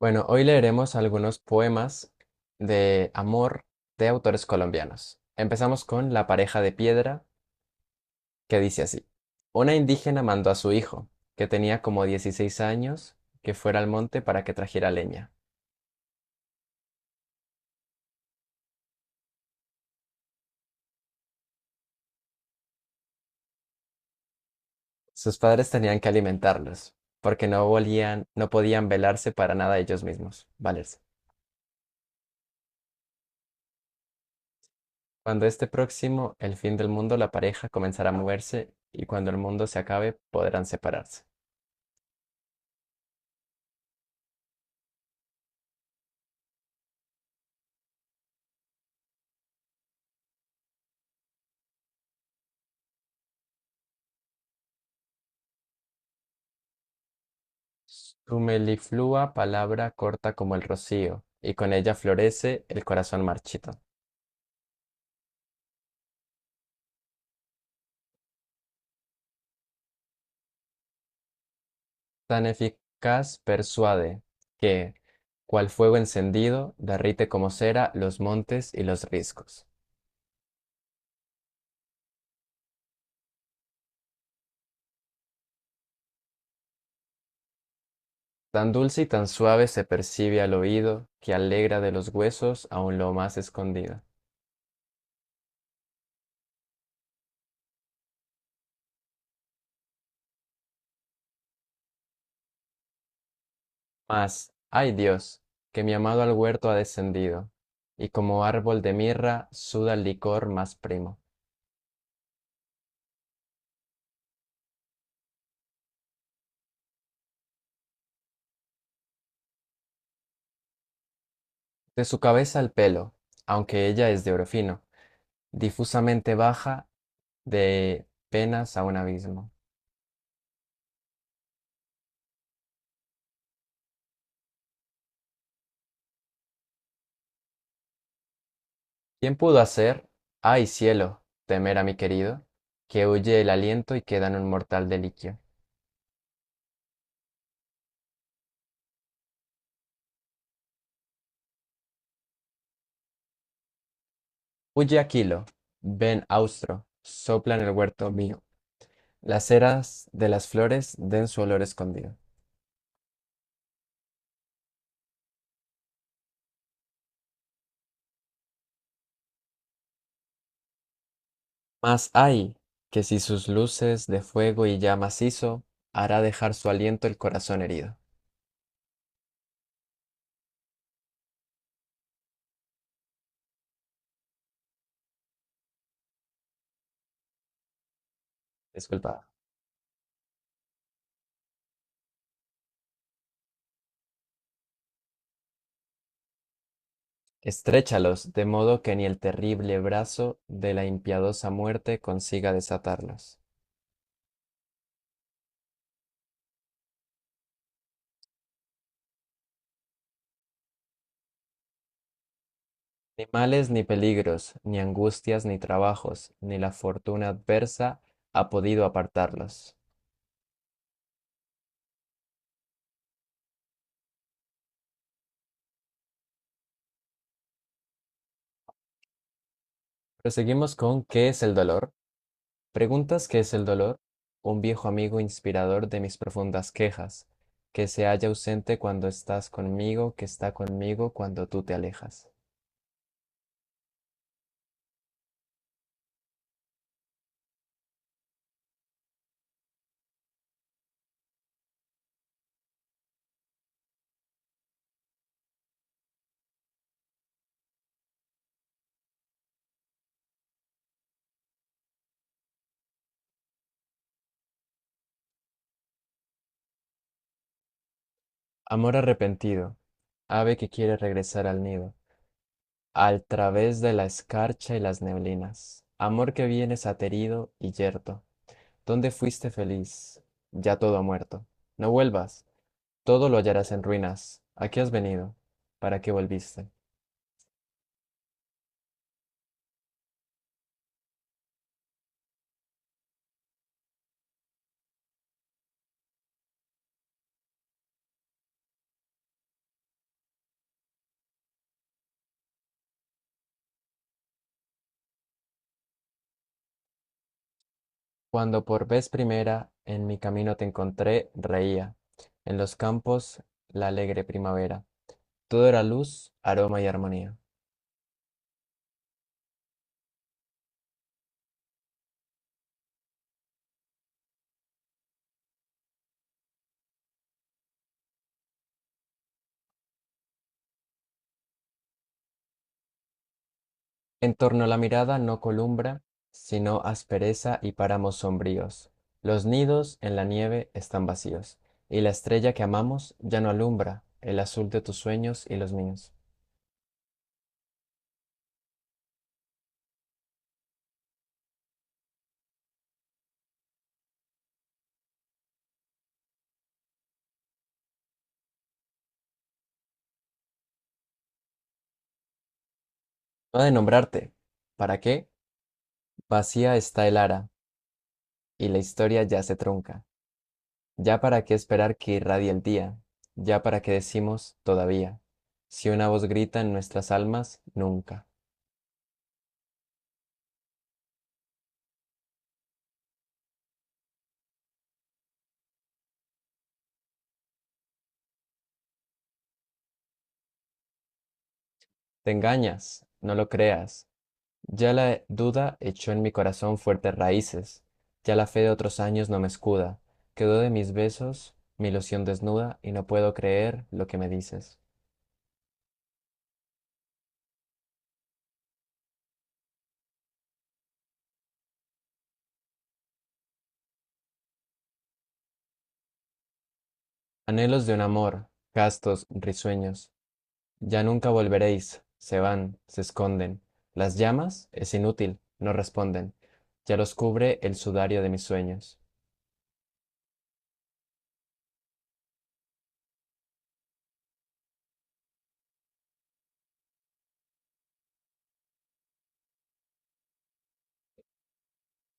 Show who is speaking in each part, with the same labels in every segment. Speaker 1: Bueno, hoy leeremos algunos poemas de amor de autores colombianos. Empezamos con La pareja de piedra, que dice así. Una indígena mandó a su hijo, que tenía como 16 años, que fuera al monte para que trajera leña. Sus padres tenían que alimentarlos, porque no volían, no podían velarse para nada ellos mismos, valerse. Cuando esté próximo el fin del mundo, la pareja comenzará a moverse y cuando el mundo se acabe, podrán separarse. Sumeliflua, palabra corta como el rocío, y con ella florece el corazón marchito. Tan eficaz persuade que, cual fuego encendido, derrite como cera los montes y los riscos. Tan dulce y tan suave se percibe al oído, que alegra de los huesos aun lo más escondido. Mas, ay Dios, que mi amado al huerto ha descendido, y como árbol de mirra suda el licor más primo. De su cabeza al pelo, aunque ella es de oro fino, difusamente baja de penas a un abismo. ¿Quién pudo hacer, ay cielo, temer a mi querido, que huye el aliento y queda en un mortal deliquio? Huye Aquilo, ven Austro, sopla en el huerto mío, las eras de las flores den su olor escondido. Mas ay, que si sus luces de fuego y llamas hizo, hará dejar su aliento el corazón herido. Disculpa. Estréchalos, de modo que ni el terrible brazo de la impiadosa muerte consiga desatarlos. Ni males ni peligros, ni angustias ni trabajos, ni la fortuna adversa ha podido apartarlos. Proseguimos con ¿qué es el dolor? ¿Preguntas qué es el dolor? Un viejo amigo inspirador de mis profundas quejas, que se halla ausente cuando estás conmigo, que está conmigo cuando tú te alejas. Amor arrepentido, ave que quiere regresar al nido. Al través de la escarcha y las neblinas, amor que vienes aterido y yerto, ¿dónde fuiste feliz? Ya todo ha muerto. No vuelvas, todo lo hallarás en ruinas. ¿A qué has venido, para qué volviste? Cuando por vez primera en mi camino te encontré, reía. En los campos la alegre primavera. Todo era luz, aroma y armonía. En torno a la mirada no columbra, sino aspereza y páramos sombríos. Los nidos en la nieve están vacíos, y la estrella que amamos ya no alumbra el azul de tus sueños y los míos. No ha de nombrarte. ¿Para qué? Vacía está el ara, y la historia ya se trunca. Ya para qué esperar que irradie el día, ya para qué decimos todavía, si una voz grita en nuestras almas, nunca. Te engañas, no lo creas. Ya la duda echó en mi corazón fuertes raíces, ya la fe de otros años no me escuda, quedó de mis besos mi ilusión desnuda y no puedo creer lo que me dices. Anhelos de un amor, gastos, risueños, ya nunca volveréis, se van, se esconden. Las llamas, es inútil, no responden, ya los cubre el sudario de mis sueños.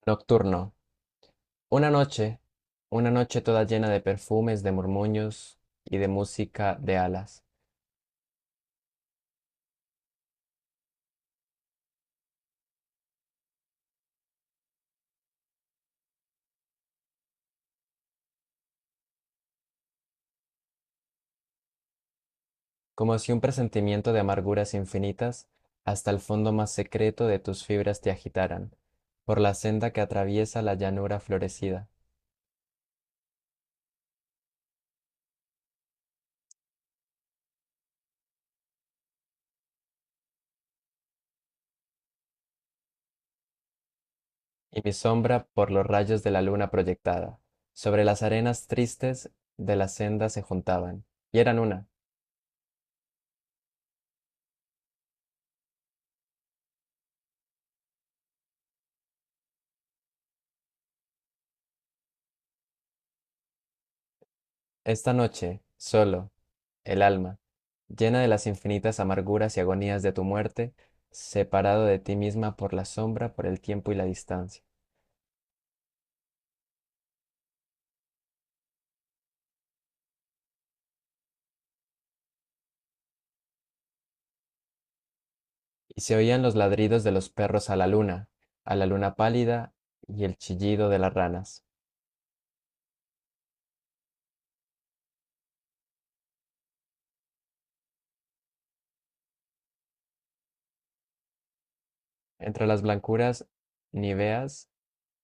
Speaker 1: Nocturno, una noche, una noche toda llena de perfumes, de murmullos y de música de alas. Como si un presentimiento de amarguras infinitas hasta el fondo más secreto de tus fibras te agitaran, por la senda que atraviesa la llanura florecida, y mi sombra por los rayos de la luna proyectada. Sobre las arenas tristes de la senda se juntaban, y eran una. Esta noche, solo, el alma, llena de las infinitas amarguras y agonías de tu muerte, separado de ti misma por la sombra, por el tiempo y la distancia. Y se oían los ladridos de los perros a la luna pálida y el chillido de las ranas, entre las blancuras niveas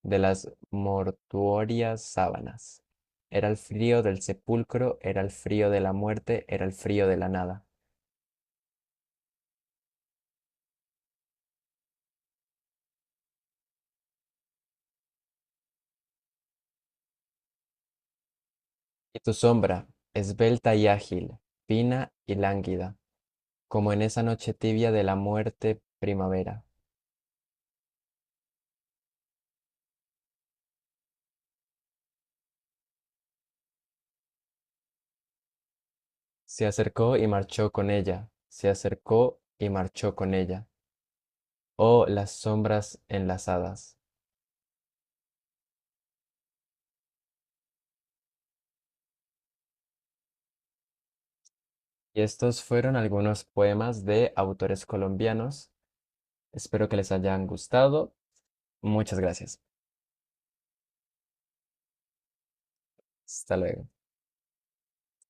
Speaker 1: de las mortuorias sábanas. Era el frío del sepulcro, era el frío de la muerte, era el frío de la nada. Y tu sombra, esbelta y ágil, fina y lánguida, como en esa noche tibia de la muerte primavera. Se acercó y marchó con ella, se acercó y marchó con ella. O Las sombras enlazadas. Y estos fueron algunos poemas de autores colombianos. Espero que les hayan gustado. Muchas gracias. Hasta luego.